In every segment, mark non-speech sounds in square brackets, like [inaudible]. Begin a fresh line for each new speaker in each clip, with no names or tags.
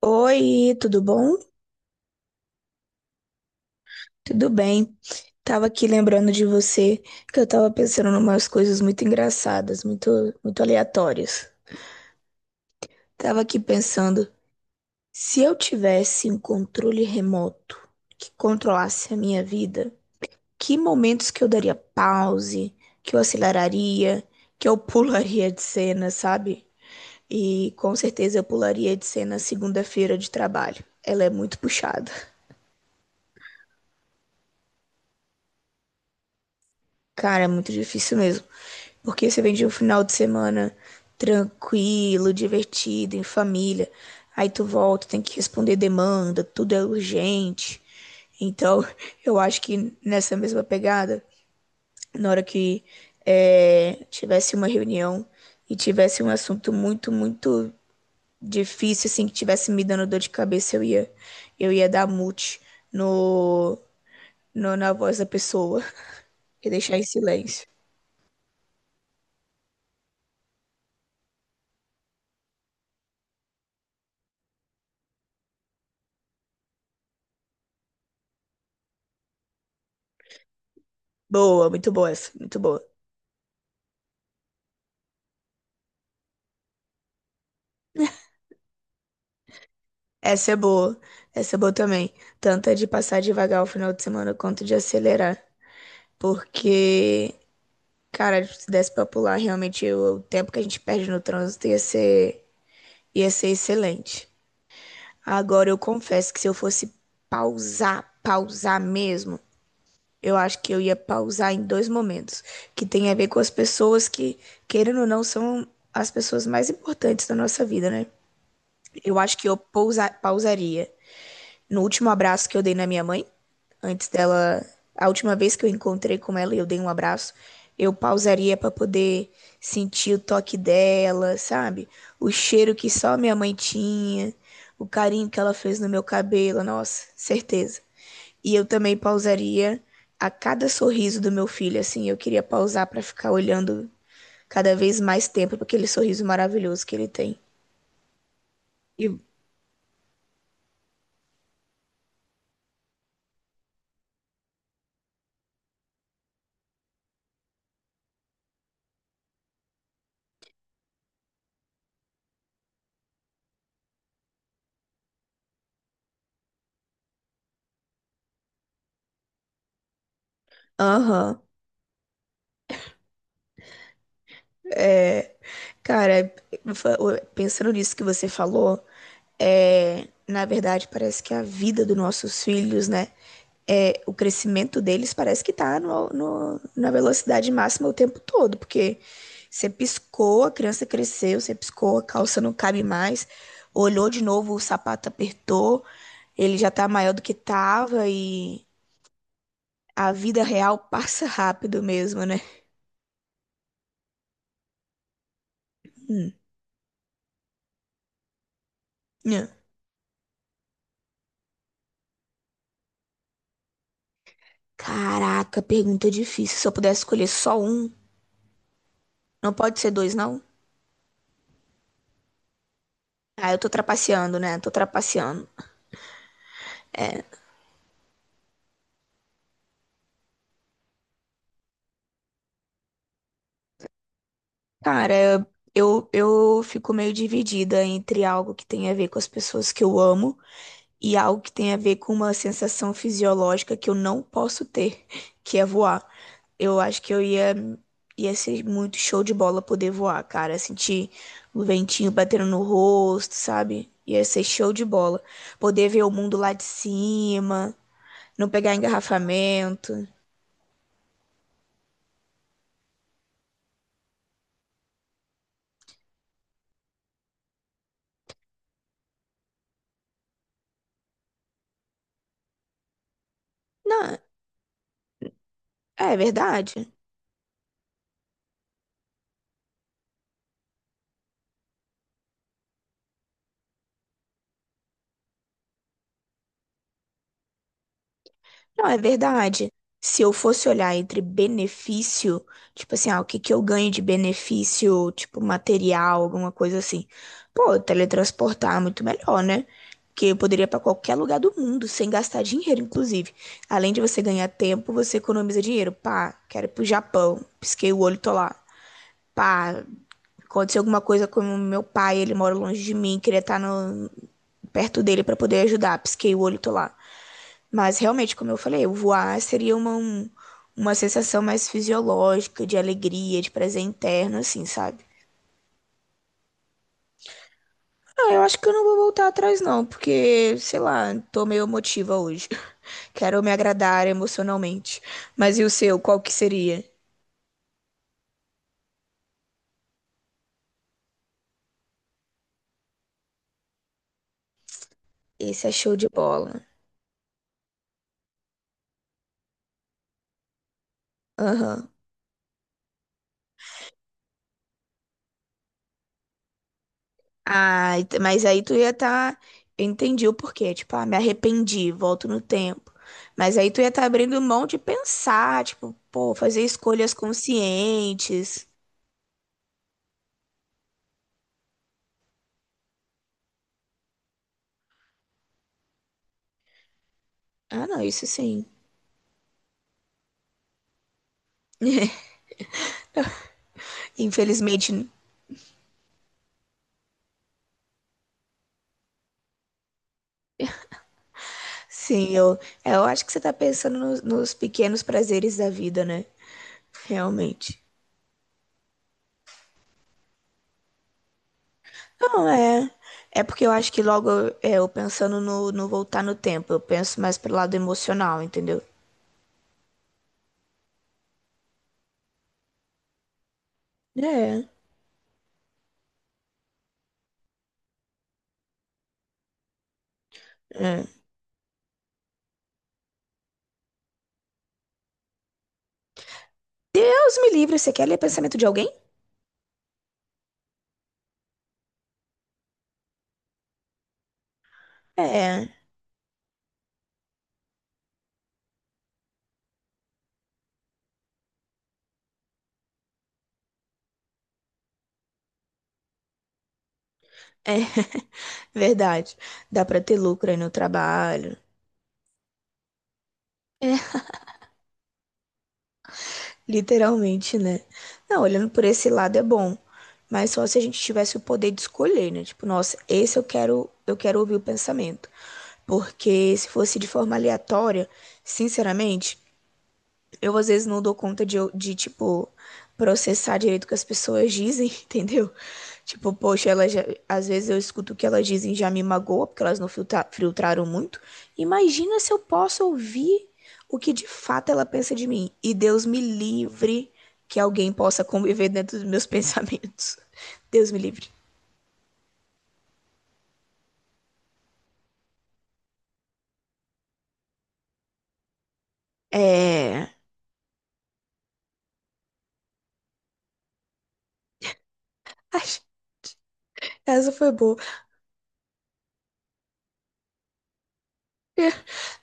Oi, tudo bom? Tudo bem. Tava aqui lembrando de você que eu tava pensando em umas coisas muito engraçadas, muito, muito aleatórias. Tava aqui pensando, se eu tivesse um controle remoto que controlasse a minha vida, que momentos que eu daria pause, que eu aceleraria, que eu [laughs] pularia de cena, sabe? E com certeza eu pularia de cena segunda-feira de trabalho. Ela é muito puxada. Cara, é muito difícil mesmo. Porque você vem de um final de semana tranquilo, divertido, em família. Aí tu volta, tem que responder demanda, tudo é urgente. Então, [laughs] eu acho que nessa mesma pegada, na hora que tivesse uma reunião e tivesse um assunto muito, muito difícil, assim, que tivesse me dando dor de cabeça, eu ia dar mute no, no, na voz da pessoa [laughs] e deixar em silêncio. Boa, muito boa. Essa é boa, essa é boa também. Tanto é de passar devagar o final de semana quanto de acelerar. Porque, cara, se desse pra pular, realmente o tempo que a gente perde no trânsito ia ser excelente. Agora, eu confesso que se eu fosse pausar, pausar mesmo, eu acho que eu ia pausar em dois momentos, que tem a ver com as pessoas que, querendo ou não, são as pessoas mais importantes da nossa vida, né? Eu acho que eu pausaria no último abraço que eu dei na minha mãe, antes dela, a última vez que eu encontrei com ela e eu dei um abraço, eu pausaria para poder sentir o toque dela, sabe? O cheiro que só minha mãe tinha, o carinho que ela fez no meu cabelo, nossa, certeza. E eu também pausaria a cada sorriso do meu filho, assim, eu queria pausar para ficar olhando cada vez mais tempo para aquele sorriso maravilhoso que ele tem. E Aham, é. Cara, pensando nisso que você falou, na verdade parece que a vida dos nossos filhos, né? É, o crescimento deles parece que tá na velocidade máxima o tempo todo, porque você piscou, a criança cresceu, você piscou, a calça não cabe mais, olhou de novo, o sapato apertou, ele já tá maior do que tava e a vida real passa rápido mesmo, né? Hum, nhã. Caraca, pergunta difícil. Se eu pudesse escolher só um. Não pode ser dois, não? Ah, eu tô trapaceando, né? Tô trapaceando. Cara, eu fico meio dividida entre algo que tem a ver com as pessoas que eu amo e algo que tem a ver com uma sensação fisiológica que eu não posso ter, [laughs] que é voar. Eu acho que eu ia ser muito show de bola poder voar, cara. Sentir o ventinho batendo no rosto, sabe? Ia ser show de bola. Poder ver o mundo lá de cima, não pegar engarrafamento. Não, é verdade. Não, é verdade. Se eu fosse olhar entre benefício, tipo assim, ah, o que que eu ganho de benefício, tipo material, alguma coisa assim. Pô, teletransportar é muito melhor, né? Porque eu poderia ir pra qualquer lugar do mundo sem gastar dinheiro, inclusive. Além de você ganhar tempo, você economiza dinheiro. Pá, quero ir pro Japão. Pisquei o olho, tô lá. Pá, aconteceu alguma coisa com o meu pai, ele mora longe de mim, queria estar perto dele pra poder ajudar. Pisquei o olho, tô lá. Mas realmente, como eu falei, o voar seria uma sensação mais fisiológica, de alegria, de prazer interno, assim, sabe? Ah, eu acho que eu não vou voltar atrás, não, porque, sei lá, tô meio emotiva hoje. [laughs] Quero me agradar emocionalmente. Mas e o seu, qual que seria? Esse é show de bola. Aham. Ah, mas aí tu ia estar. Eu entendi o porquê. Tipo, ah, me arrependi, volto no tempo. Mas aí tu ia estar abrindo mão de pensar, tipo, pô, fazer escolhas conscientes. Ah, não, isso sim. Infelizmente, sim, eu acho que você tá pensando nos pequenos prazeres da vida, né? Realmente. Não, é. É porque eu acho que logo eu pensando no voltar no tempo, eu penso mais pro lado emocional, entendeu? É, é. Deus me livre, você quer ler pensamento de alguém? É, é [laughs] verdade. Dá pra ter lucro aí no trabalho. É, literalmente, né? Não, olhando por esse lado é bom, mas só se a gente tivesse o poder de escolher, né? Tipo, nossa, esse eu quero ouvir o pensamento. Porque se fosse de forma aleatória, sinceramente, eu às vezes não dou conta de tipo, processar direito o que as pessoas dizem, [laughs] entendeu? Tipo, poxa, ela já, às vezes eu escuto o que elas dizem e já me magoa, porque elas não filtraram muito. Imagina se eu posso ouvir o que de fato ela pensa de mim. E Deus me livre que alguém possa conviver dentro dos meus [laughs] pensamentos. Deus me livre. É. Ai, essa foi boa.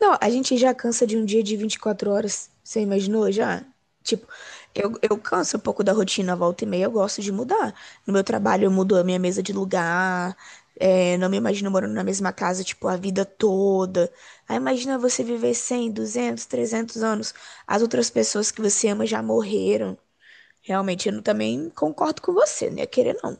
Não, a gente já cansa de um dia de 24 horas. Você imaginou já? Tipo, eu canso um pouco da rotina, volta e meia, eu gosto de mudar. No meu trabalho, eu mudo a minha mesa de lugar. Não me imagino morando na mesma casa, tipo, a vida toda. Aí imagina você viver 100, 200, 300 anos. As outras pessoas que você ama já morreram. Realmente, eu também concordo com você, né? Querer não.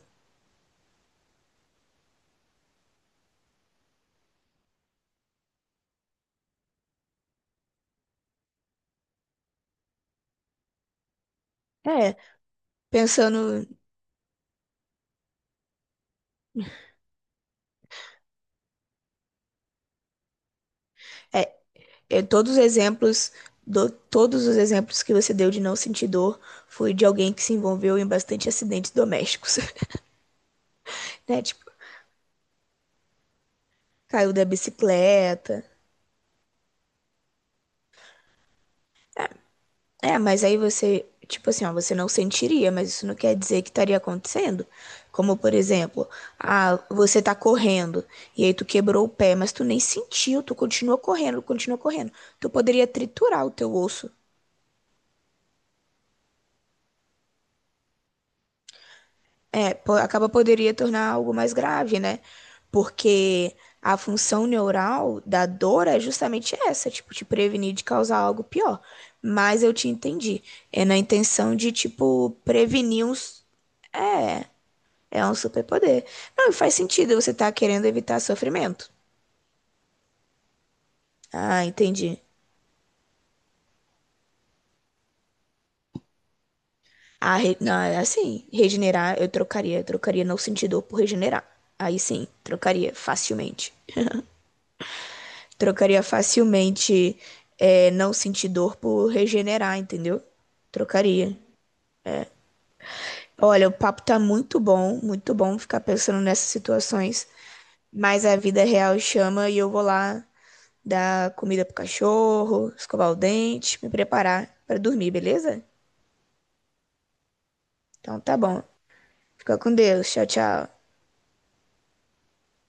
É, pensando. é, É, todos os exemplos, todos os exemplos que você deu de não sentir dor foi de alguém que se envolveu em bastante acidentes domésticos, [laughs] né? Tipo, caiu da bicicleta. É, mas aí você, tipo assim, ó, você não sentiria, mas isso não quer dizer que estaria acontecendo. Como, por exemplo, ah, você tá correndo e aí tu quebrou o pé, mas tu nem sentiu, tu continua correndo, continua correndo. Tu poderia triturar o teu osso. É, acaba poderia tornar algo mais grave, né? Porque a função neural da dor é justamente essa, tipo, te prevenir de causar algo pior. Mas eu te entendi. É na intenção de, tipo, prevenir uns. É, é um superpoder. Não, e faz sentido, você tá querendo evitar sofrimento. Ah, entendi. Ah, não, é assim, regenerar eu trocaria. Eu trocaria não sentir dor por regenerar. Aí sim, trocaria facilmente. Trocaria facilmente não sentir dor por regenerar, entendeu? Trocaria. Olha, o papo tá muito bom ficar pensando nessas situações, mas a vida real chama e eu vou lá dar comida pro cachorro, escovar o dente, me preparar pra dormir, beleza? Então tá bom. Fica com Deus. Tchau, tchau.